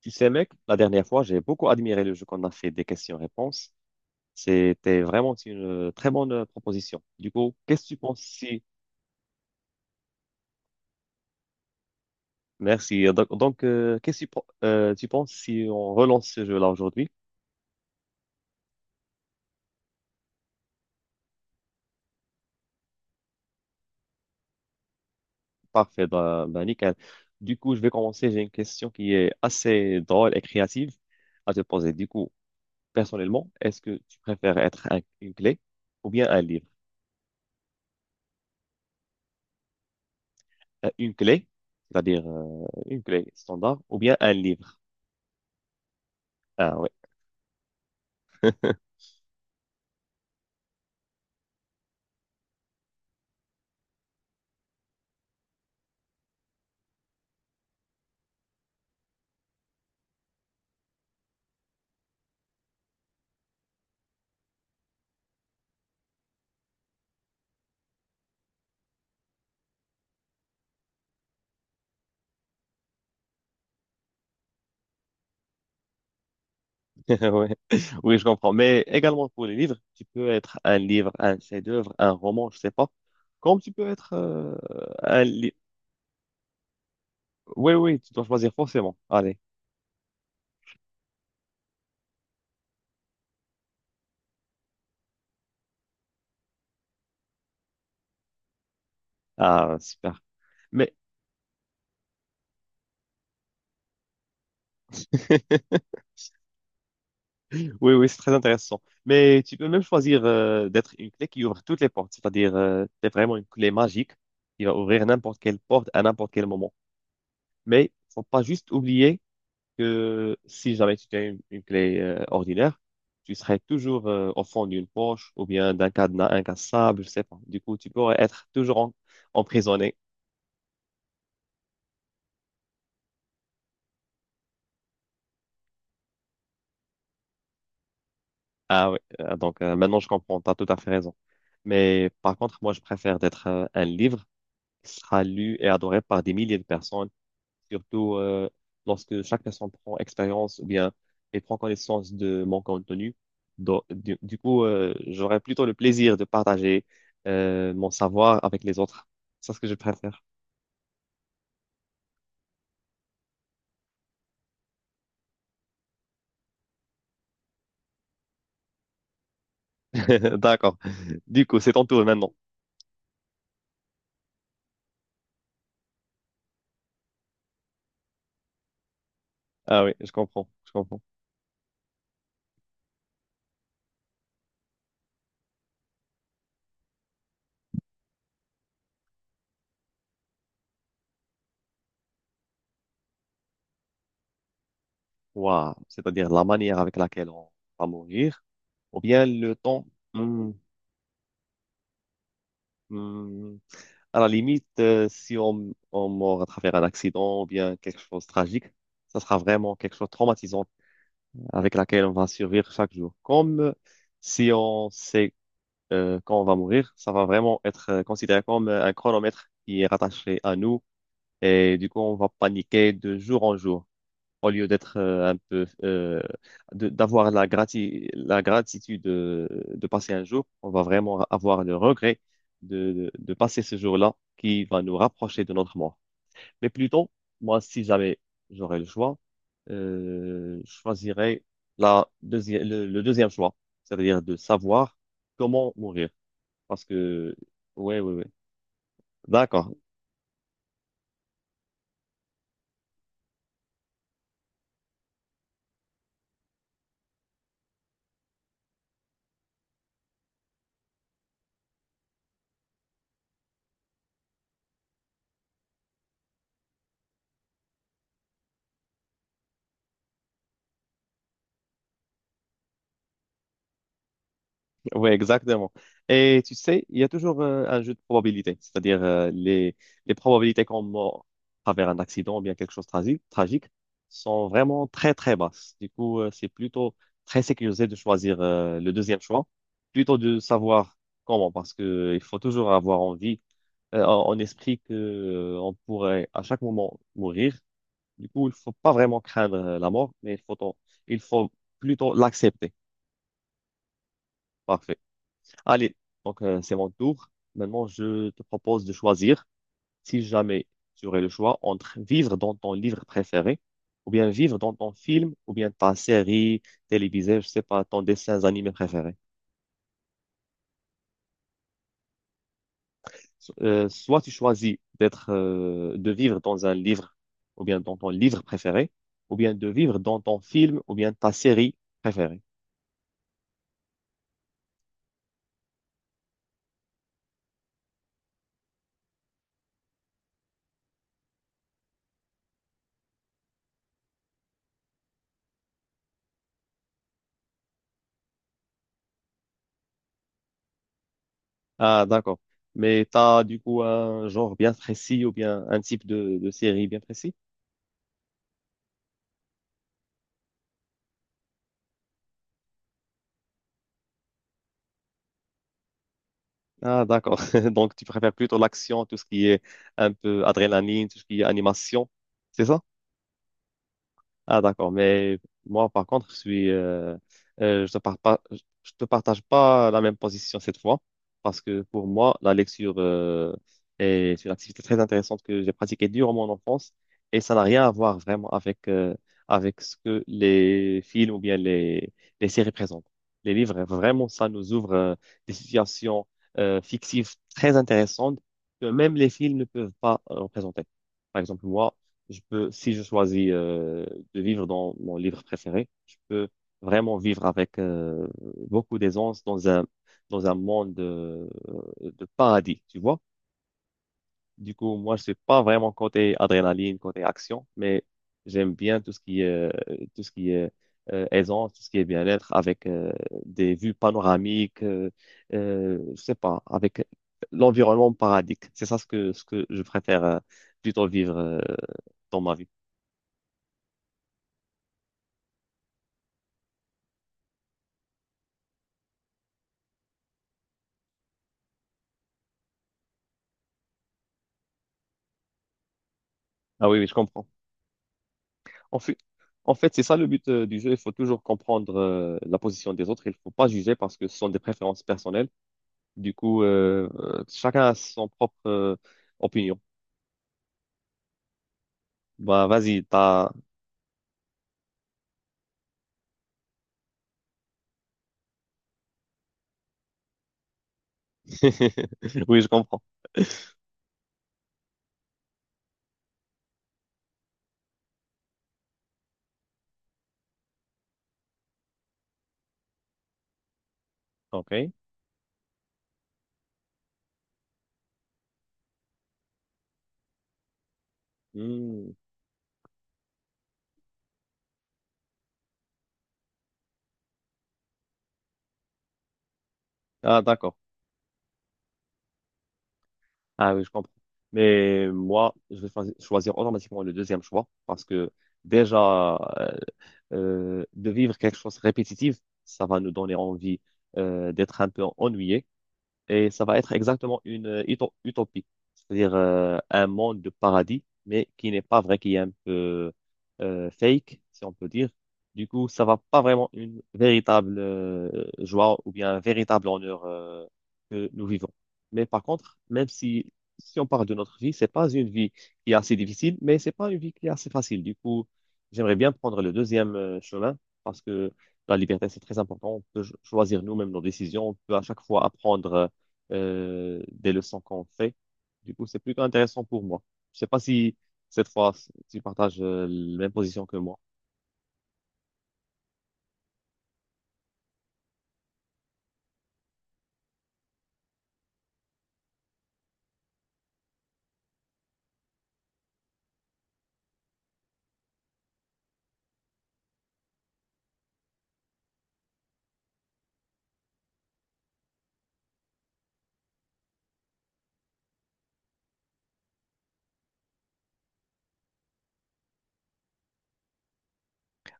Tu sais, mec, la dernière fois, j'ai beaucoup admiré le jeu qu'on a fait des questions-réponses. C'était vraiment une très bonne proposition. Du coup, qu'est-ce que tu penses si... Merci. Donc, qu'est-ce que tu penses si on relance ce jeu-là aujourd'hui? Parfait, ben bah, nickel. Du coup, je vais commencer. J'ai une question qui est assez drôle et créative à te poser. Du coup, personnellement, est-ce que tu préfères être une clé ou bien un livre? Une clé, c'est-à-dire une clé standard ou bien un livre? Ah ouais. Ouais. Oui, je comprends. Mais également pour les livres, tu peux être un livre, un chef-d'œuvre, un roman, je sais pas. Comme tu peux être un livre. Oui, oui, tu dois choisir forcément. Allez. Ah, super. Mais oui, oui, c'est très intéressant. Mais tu peux même choisir d'être une clé qui ouvre toutes les portes. C'est-à-dire, t'es vraiment une clé magique qui va ouvrir n'importe quelle porte à n'importe quel moment. Mais faut pas juste oublier que si jamais tu as une clé ordinaire, tu serais toujours au fond d'une poche ou bien d'un cadenas incassable, je sais pas. Du coup, tu pourrais être toujours emprisonné. Ah oui, donc maintenant je comprends, tu as tout à fait raison. Mais par contre, moi, je préfère d'être un livre qui sera lu et adoré par des milliers de personnes surtout lorsque chaque personne prend expérience ou bien et prend connaissance de mon contenu. Donc, du coup, j'aurais plutôt le plaisir de partager mon savoir avec les autres. C'est ce que je préfère. D'accord. Du coup, c'est ton tour maintenant. Ah oui, je comprends, je comprends. Waouh, c'est-à-dire la manière avec laquelle on va mourir, ou bien le temps. Hmm, hmm. À la limite, si on meurt à travers un accident ou bien quelque chose de tragique, ça sera vraiment quelque chose de traumatisant avec laquelle on va survivre chaque jour. Comme si on sait quand on va mourir, ça va vraiment être considéré comme un chronomètre qui est rattaché à nous et du coup on va paniquer de jour en jour au lieu d'être un peu d'avoir la gratitude de, passer un jour, on va vraiment avoir le regret de, de passer ce jour-là qui va nous rapprocher de notre mort. Mais plutôt, moi, si jamais j'aurais le choix, je choisirais la deuxième, le deuxième choix, c'est-à-dire de savoir comment mourir. Parce que, ouais, ouais, ouais. D'accord. Oui, exactement. Et tu sais, il y a toujours un jeu de probabilité, c'est-à-dire les probabilités qu'on meurt à travers un accident ou bien quelque chose de tragique sont vraiment très, très basses. Du coup, c'est plutôt très sécurisé de choisir le deuxième choix, plutôt de savoir comment, parce que il faut toujours avoir envie, en esprit que on pourrait à chaque moment mourir. Du coup, il faut pas vraiment craindre la mort, mais il faut plutôt l'accepter. Parfait. Allez, donc c'est mon tour. Maintenant, je te propose de choisir, si jamais tu aurais le choix, entre vivre dans ton livre préféré, ou bien vivre dans ton film, ou bien ta série télévisée, je sais pas, ton dessin animé préféré. Soit tu choisis de vivre dans un livre, ou bien dans ton livre préféré, ou bien de vivre dans ton film, ou bien ta série préférée. Ah, d'accord. Mais t'as du coup un genre bien précis, ou bien un type de série bien précis? Ah, d'accord. Donc, tu préfères plutôt l'action, tout ce qui est un peu adrénaline, tout ce qui est animation, c'est ça? Ah, d'accord. Mais moi, par contre, euh, je te par- pas- je te partage pas la même position cette fois, parce que pour moi, la lecture, est une activité très intéressante que j'ai pratiquée durant mon enfance, et ça n'a rien à voir vraiment avec ce que les films ou bien les séries présentent. Les livres, vraiment, ça nous ouvre, des situations, fictives très intéressantes que même les films ne peuvent pas représenter. Par exemple, moi, je peux, si je choisis de vivre dans mon livre préféré, je peux vraiment vivre avec beaucoup d'aisance dans dans un monde de paradis, tu vois. Du coup, moi, je suis pas vraiment côté adrénaline, côté action, mais j'aime bien tout ce qui est, tout ce qui est aisance, tout ce qui est bien-être, avec des vues panoramiques, je sais pas, avec l'environnement paradis. C'est ça ce ce que je préfère plutôt vivre dans ma vie. Ah oui, oui, je comprends. En fait, en fait, c'est ça le but du jeu. Il faut toujours comprendre la position des autres. Il ne faut pas juger parce que ce sont des préférences personnelles. Du coup, chacun a son propre opinion. Bah, vas-y, t'as... Oui, je comprends. OK. Hmm. Ah, d'accord. Ah oui, je comprends. Mais moi, je vais choisir automatiquement le deuxième choix parce que déjà, de vivre quelque chose de répétitif, ça va nous donner envie d'être un peu ennuyé. Et ça va être exactement une utopie, c'est-à-dire un monde de paradis, mais qui n'est pas vrai, qui est un peu fake, si on peut dire. Du coup, ça va pas vraiment une véritable joie ou bien un véritable honneur que nous vivons. Mais par contre, même si on parle de notre vie, c'est pas une vie qui est assez difficile, mais c'est pas une vie qui est assez facile. Du coup, j'aimerais bien prendre le deuxième chemin parce que la liberté, c'est très important. On peut choisir nous-mêmes nos décisions. On peut à chaque fois apprendre. Des leçons qu'on fait. Du coup, c'est plutôt intéressant pour moi. Je sais pas si cette fois, tu partages la même position que moi.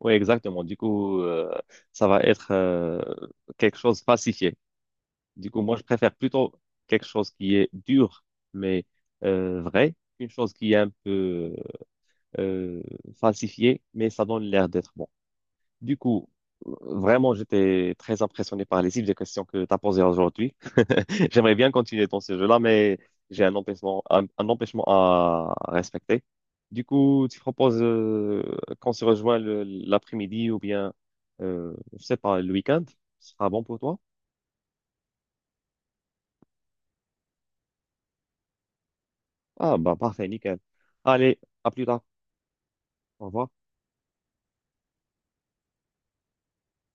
Oui, exactement. Du coup, ça va être quelque chose falsifié. Du coup, moi, je préfère plutôt quelque chose qui est dur, mais vrai, qu'une chose qui est un peu euh, falsifiée, mais ça donne l'air d'être bon. Du coup, vraiment, j'étais très impressionné par les types de questions que tu as posées aujourd'hui. J'aimerais bien continuer dans ce jeu-là, mais j'ai un empêchement, un empêchement à respecter. Du coup, tu proposes qu'on se rejoigne l'après-midi ou bien, je sais pas, le week-end? Ce sera bon pour toi? Ah, bah, parfait, nickel. Allez, à plus tard. Au revoir.